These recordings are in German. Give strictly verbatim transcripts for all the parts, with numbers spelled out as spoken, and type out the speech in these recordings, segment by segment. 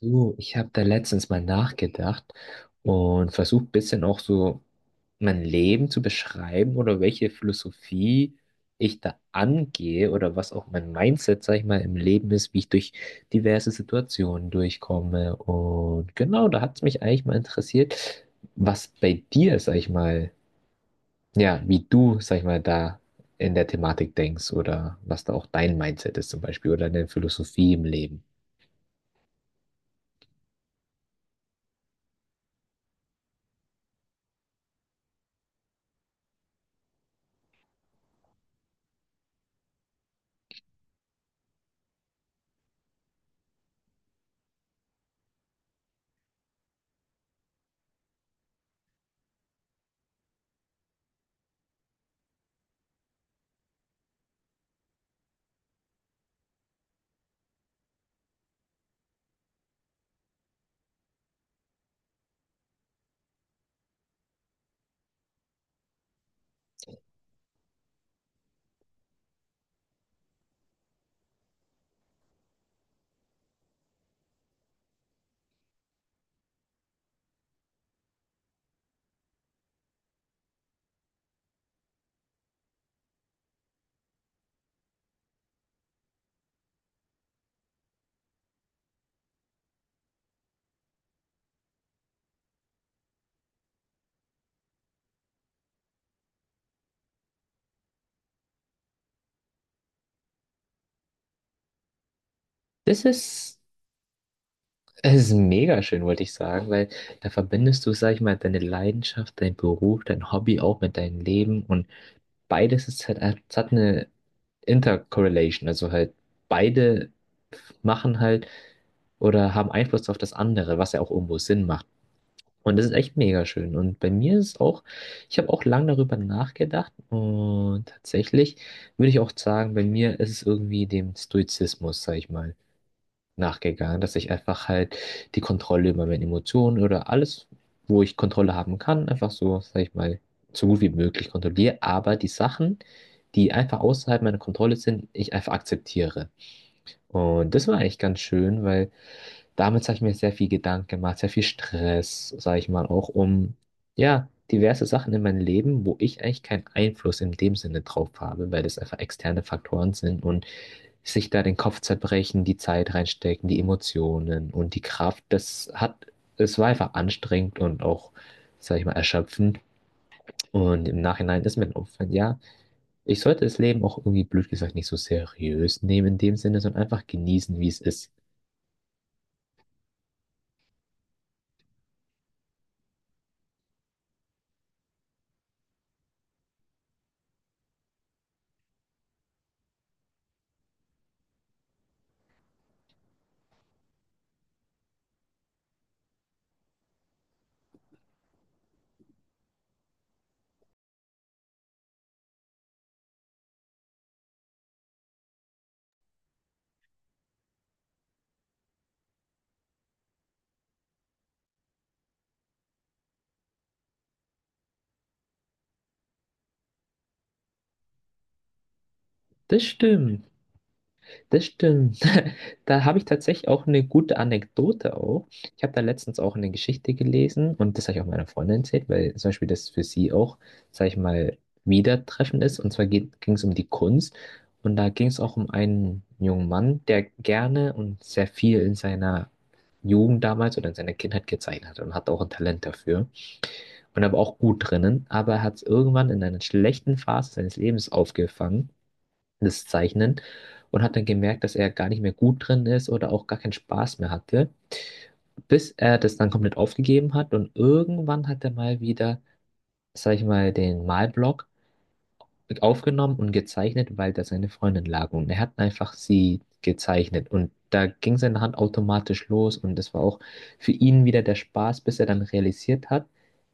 Du, ich habe da letztens mal nachgedacht und versucht ein bisschen auch so mein Leben zu beschreiben oder welche Philosophie ich da angehe oder was auch mein Mindset, sag ich mal, im Leben ist, wie ich durch diverse Situationen durchkomme. Und genau, da hat es mich eigentlich mal interessiert, was bei dir, sag ich mal, ja, wie du, sag ich mal, da in der Thematik denkst oder was da auch dein Mindset ist zum Beispiel oder deine Philosophie im Leben. Das ist Es ist mega schön, wollte ich sagen, weil da verbindest du, sag ich mal, deine Leidenschaft, dein Beruf, dein Hobby auch mit deinem Leben und beides ist halt, es hat eine Intercorrelation, also halt beide machen halt oder haben Einfluss auf das andere, was ja auch irgendwo Sinn macht. Und das ist echt mega schön. Und bei mir ist es auch, ich habe auch lange darüber nachgedacht und tatsächlich würde ich auch sagen, bei mir ist es irgendwie dem Stoizismus, sag ich mal, nachgegangen, dass ich einfach halt die Kontrolle über meine Emotionen oder alles, wo ich Kontrolle haben kann, einfach so, sag ich mal, so gut wie möglich kontrolliere, aber die Sachen, die einfach außerhalb meiner Kontrolle sind, ich einfach akzeptiere. Und das war eigentlich ganz schön, weil damit habe ich mir sehr viel Gedanken gemacht, sehr viel Stress, sage ich mal, auch um, ja, diverse Sachen in meinem Leben, wo ich eigentlich keinen Einfluss in dem Sinne drauf habe, weil das einfach externe Faktoren sind und sich da den Kopf zerbrechen, die Zeit reinstecken, die Emotionen und die Kraft, das hat, es war einfach anstrengend und auch, sag ich mal, erschöpfend. Und im Nachhinein ist mir dann aufgefallen, ja, ich sollte das Leben auch irgendwie, blöd gesagt, nicht so seriös nehmen in dem Sinne, sondern einfach genießen, wie es ist. Das stimmt. Das stimmt. Da habe ich tatsächlich auch eine gute Anekdote auch. Ich habe da letztens auch eine Geschichte gelesen und das habe ich auch meiner Freundin erzählt, weil zum Beispiel das für sie auch, sage ich mal, wieder treffen ist. Und zwar ging es um die Kunst und da ging es auch um einen jungen Mann, der gerne und sehr viel in seiner Jugend damals oder in seiner Kindheit gezeichnet hat und hat auch ein Talent dafür und er war auch gut drinnen, aber er hat es irgendwann in einer schlechten Phase seines Lebens aufgefangen, das Zeichnen, und hat dann gemerkt, dass er gar nicht mehr gut drin ist oder auch gar keinen Spaß mehr hatte, bis er das dann komplett aufgegeben hat und irgendwann hat er mal wieder, sag ich mal, den Malblock mit aufgenommen und gezeichnet, weil da seine Freundin lag. Und er hat einfach sie gezeichnet. Und da ging seine Hand automatisch los. Und das war auch für ihn wieder der Spaß, bis er dann realisiert hat,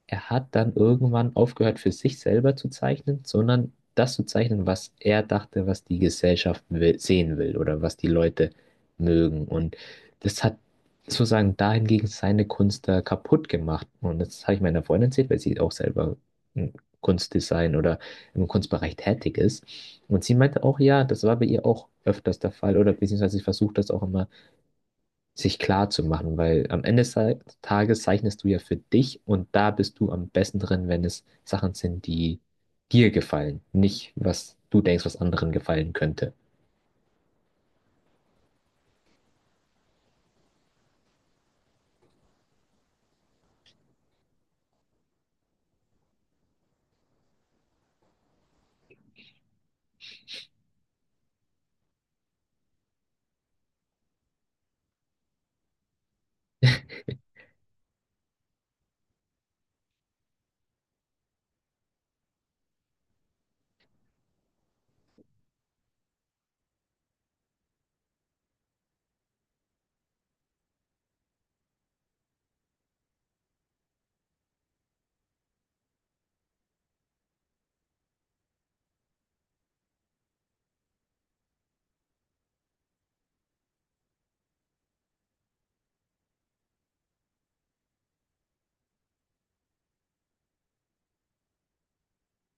er hat dann irgendwann aufgehört, für sich selber zu zeichnen, sondern das zu zeichnen, was er dachte, was die Gesellschaft will, sehen will oder was die Leute mögen. Und das hat sozusagen dahingegen seine Kunst da kaputt gemacht. Und das habe ich meiner Freundin erzählt, weil sie auch selber ein Kunstdesign oder im Kunstbereich tätig ist. Und sie meinte auch, ja, das war bei ihr auch öfters der Fall oder beziehungsweise sie versucht das auch immer sich klar zu machen, weil am Ende des Tages zeichnest du ja für dich und da bist du am besten drin, wenn es Sachen sind, die dir gefallen, nicht was du denkst, was anderen gefallen könnte.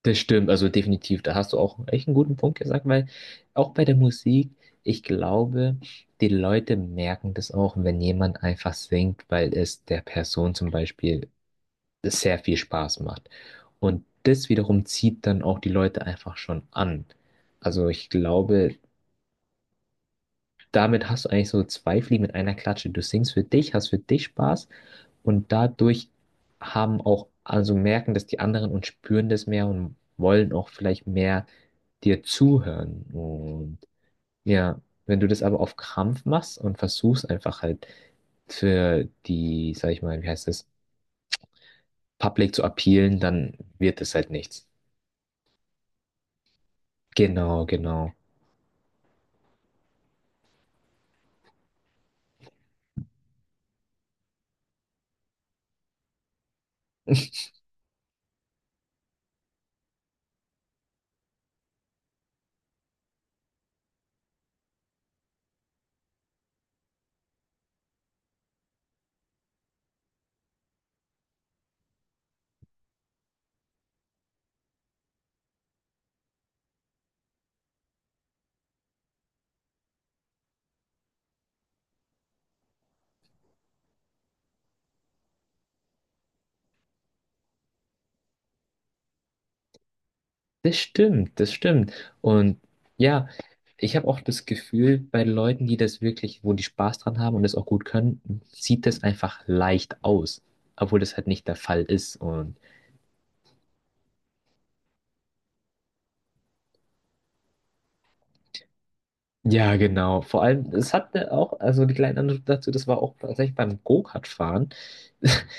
Das stimmt, also definitiv, da hast du auch echt einen guten Punkt gesagt, weil auch bei der Musik, ich glaube, die Leute merken das auch, wenn jemand einfach singt, weil es der Person zum Beispiel sehr viel Spaß macht. Und das wiederum zieht dann auch die Leute einfach schon an. Also ich glaube, damit hast du eigentlich so zwei Fliegen mit einer Klatsche. Du singst für dich, hast für dich Spaß und dadurch haben auch, also merken das die anderen und spüren das mehr und wollen auch vielleicht mehr dir zuhören. Und ja, wenn du das aber auf Krampf machst und versuchst einfach halt für die, sag ich mal, wie heißt das, Public zu appealen, dann wird es halt nichts. Genau, genau. Das stimmt, das stimmt. Und ja, ich habe auch das Gefühl, bei Leuten, die das wirklich, wo die Spaß dran haben und das auch gut können, sieht das einfach leicht aus, obwohl das halt nicht der Fall ist. Und ja, genau. Vor allem, es hatte auch, also die kleine Anekdote dazu, das war auch tatsächlich beim Go-Kart-Fahren.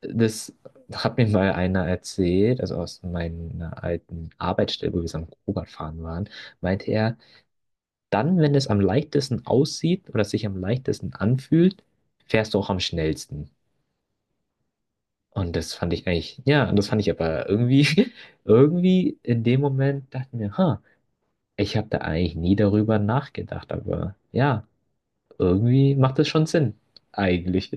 Das hat mir mal einer erzählt, also aus meiner alten Arbeitsstelle, wo wir so am Go-Kart fahren waren, meinte er, dann, wenn es am leichtesten aussieht oder sich am leichtesten anfühlt, fährst du auch am schnellsten. Und das fand ich eigentlich, ja, und das fand ich aber irgendwie, irgendwie in dem Moment dachte ich mir, ha, ich habe da eigentlich nie darüber nachgedacht, aber ja, irgendwie macht das schon Sinn. Eigentlich.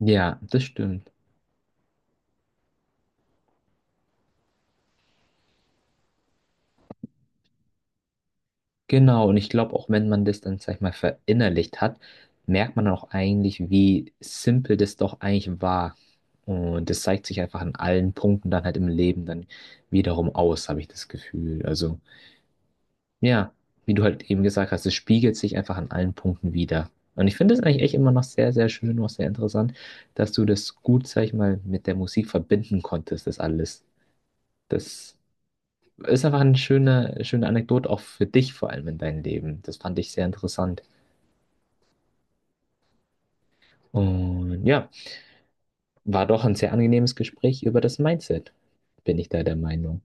Ja, das stimmt. Genau, und ich glaube, auch wenn man das dann, sag ich mal, verinnerlicht hat, merkt man dann auch eigentlich, wie simpel das doch eigentlich war. Und das zeigt sich einfach an allen Punkten dann halt im Leben dann wiederum aus, habe ich das Gefühl. Also, ja, wie du halt eben gesagt hast, es spiegelt sich einfach an allen Punkten wieder. Und ich finde es eigentlich echt immer noch sehr, sehr schön, noch sehr interessant, dass du das gut, sag ich mal, mit der Musik verbinden konntest, das alles. Das ist einfach eine schöne, schöne Anekdote, auch für dich vor allem in deinem Leben. Das fand ich sehr interessant. Und ja, war doch ein sehr angenehmes Gespräch über das Mindset, bin ich da der Meinung.